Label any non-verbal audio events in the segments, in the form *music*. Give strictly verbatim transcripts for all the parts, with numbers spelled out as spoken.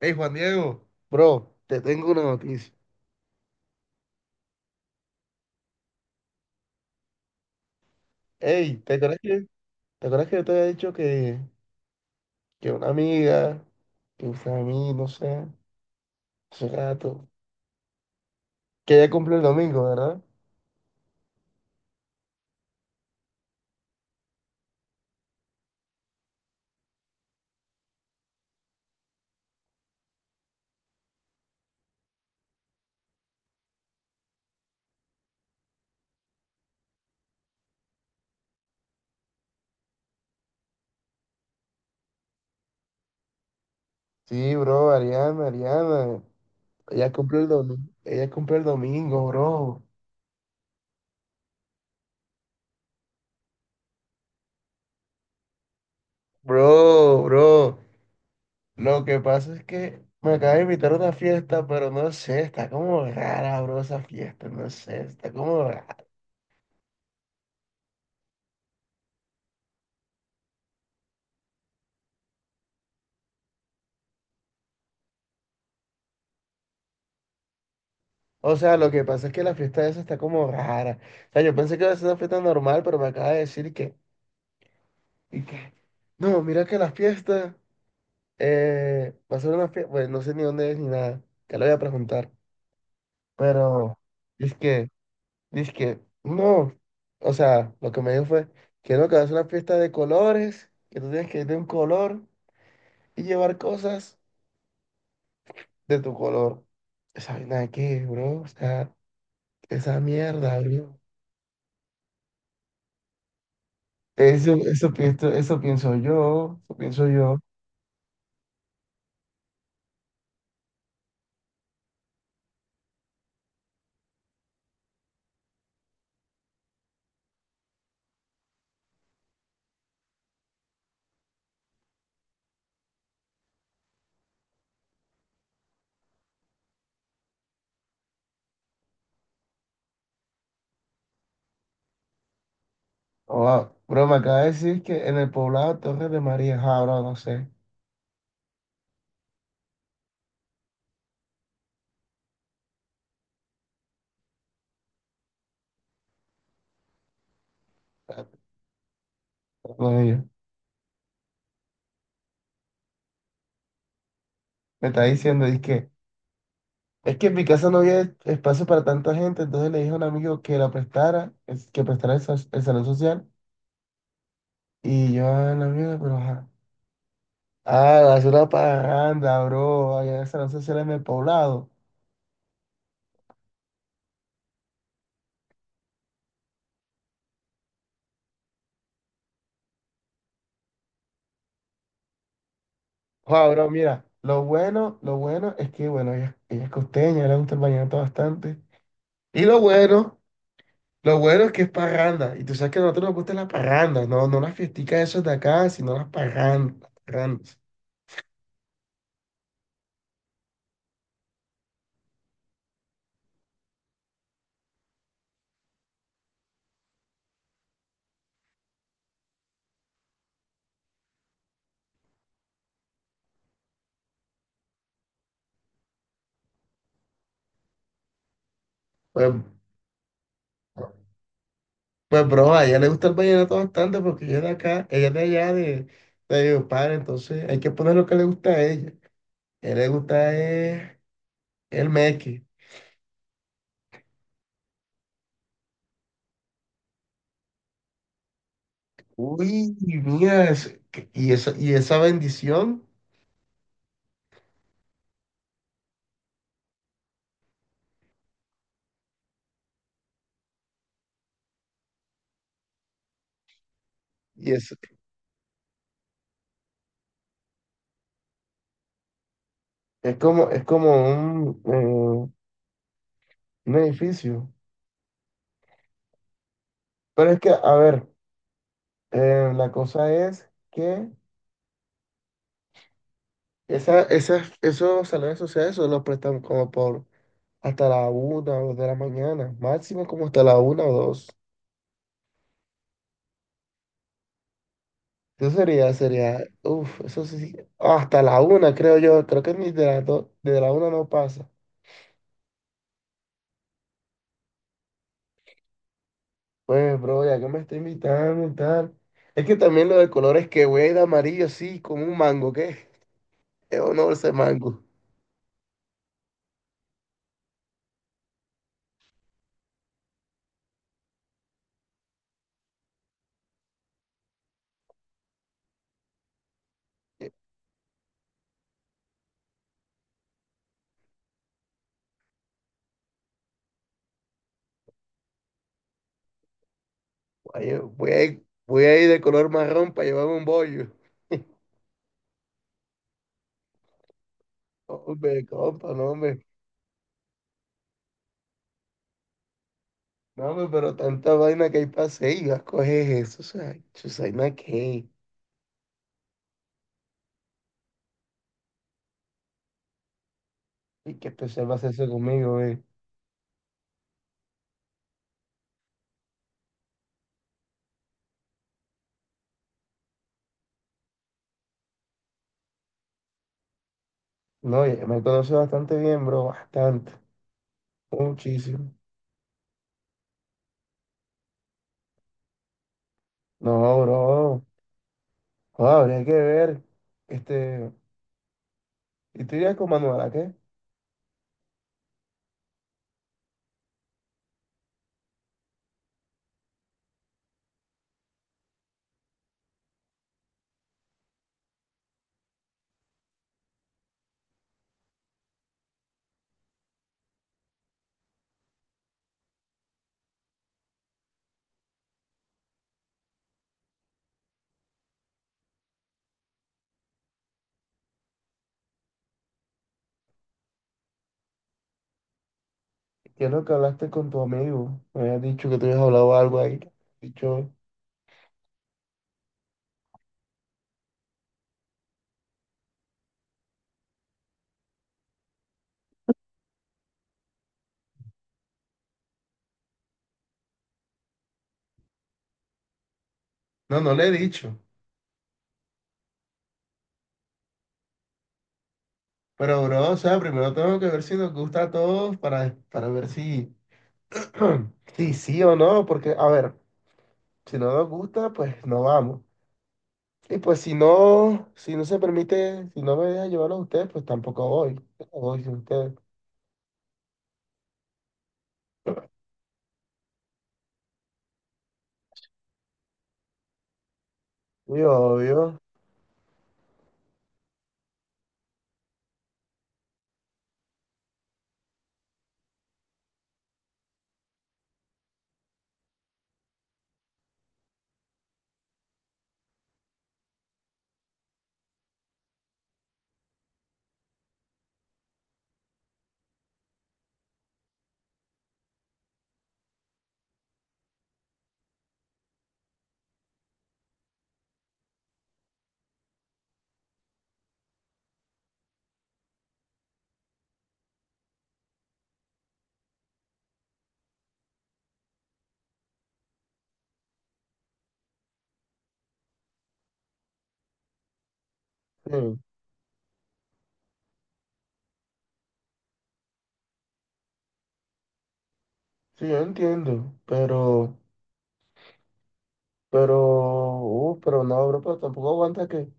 Hey, Juan Diego, bro, te tengo una noticia. Hey, ¿te acuerdas que, te acuerdas que yo te había dicho que, que una amiga, que usted a mí, no sé, hace rato, que ella cumple el domingo, ¿verdad? Sí, bro, Ariana, Ariana, ella cumple el domingo, ella cumple el domingo, bro. Bro, bro, lo que pasa es que me acaba de invitar a una fiesta, pero no sé, está como rara, bro, esa fiesta, no sé, está como rara. O sea, lo que pasa es que la fiesta esa está como rara. O sea, yo pensé que iba a ser una fiesta normal, pero me acaba de decir que, y que, no, mira que la fiesta eh, va a ser una fiesta, pues no sé ni dónde es ni nada, que le voy a preguntar. Pero, dice que, dice que, no. O sea, lo que me dijo fue que no, que va a ser una fiesta de colores, que tú tienes que ir de un color y llevar cosas de tu color. Esa vaina de qué, bro, o sea, esa mierda, bro. Eso, eso pienso, eso pienso yo, eso pienso yo. Oh, bro, me acaba de decir que en el poblado Torres de María, ah, bro, no sé. Con ellos. Me está diciendo, es que, es que en mi casa no había espacio para tanta gente, entonces le dije a un amigo que la prestara, es- que prestara el, sa- el salón social, y yo ah, la mierda pero ajá. Ah, hacer una parranda, bro, allá en el salón social en el poblado. Wow, bro, mira, lo bueno, lo bueno es que, bueno, ella, ella es costeña, le gusta el vallenato bastante. Y lo bueno. Lo bueno es que es parranda. Y tú sabes que a nosotros nos gustan las parrandas, no, no las fiesticas esas de acá, sino las parrandas. las parrandas. Pues, pues, bro, a ella le gusta el vallenato bastante porque ella es de acá, ella es de allá, de, de Valledupar, entonces hay que poner lo que le gusta a ella. A ella le gusta es el meque. Uy, mira, es- que- y esa, y esa bendición, y es, es como, es como un, eh, un edificio. Pero es que, a ver, eh, la cosa es que esa, esas, esos salones sociales solo prestan como por hasta la una o dos de la mañana, máximo como hasta la una o dos. Eso sería, sería, uff, eso sí, hasta la una creo yo, creo que ni de la, do- de la una no pasa. Pues, bro, ya que me está invitando y tal. Es que también lo de colores que voy a ir de amarillo, sí, como un mango, ¿qué? Es honor ese mango. Eh, Voy a, voy a ir voy a ir de color marrón para llevarme un bollo. Hombre, compa, no, hombre. No, hombre, pero tanta vaina que hay para hacer y vas a coger eso, o sea, Chusaina, ¿qué? ¿Y qué especial va a hacerse conmigo, eh? No, ya me conoce bastante bien, bro, bastante, muchísimo. No, bro, joder, habría que ver, este, y tú irías con Manuela, ¿qué? ¿Qué es lo que hablaste con tu amigo? Me habías dicho que tú habías hablado algo ahí, dicho... No, no le he dicho, pero, bro, o sea, primero tengo que ver si nos gusta a todos para, para ver si... *clears throat* Sí, sí o no, porque, a ver... Si no nos gusta, pues no vamos. Y pues si no, si no se permite, si no me dejan llevarlo a ustedes, pues tampoco voy. Yo no voy sin ustedes. Muy obvio. Sí, sí, yo entiendo. Pero, pero, uh, pero no, bro, pero tampoco aguanta que, o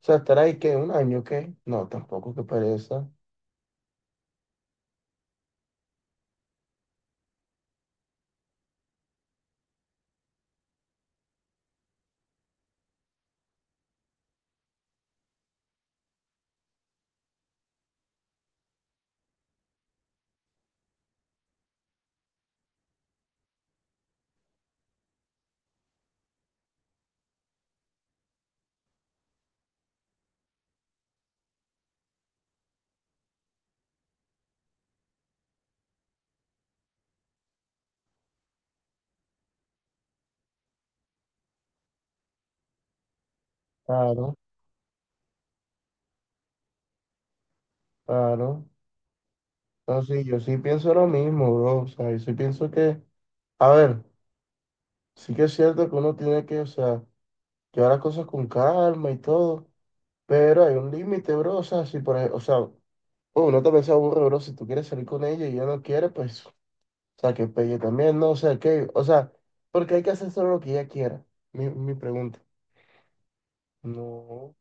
sea, estar ahí que un año, ¿qué? No, tampoco, que pereza. Claro, claro. No, sí, yo sí pienso lo mismo, bro. O sea, yo sí pienso que, a ver, sí que es cierto que uno tiene que, o sea, llevar las cosas con calma y todo. Pero hay un límite, bro. O sea, si por ejemplo, o sea, oh, uno también se aburre, bro. Si tú quieres salir con ella y ella no quiere, pues, o sea, que pelle también, ¿no? O sea, que, o sea, porque hay que hacer solo lo que ella quiera. Mi, mi pregunta. No,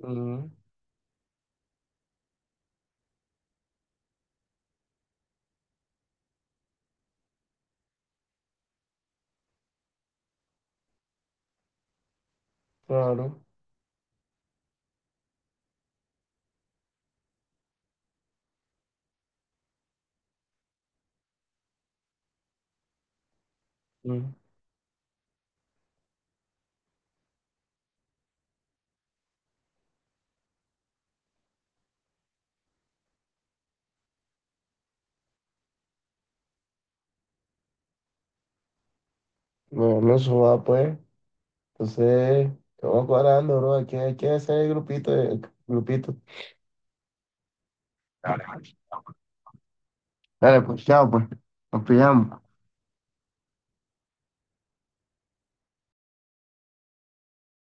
mm, claro. Mm. Bueno, eso va, pues. Entonces, vamos cuadrando, bro. Hay que, hay que hacer el grupito, el grupito. Dale, pues, chao, pues. Nos pillamos.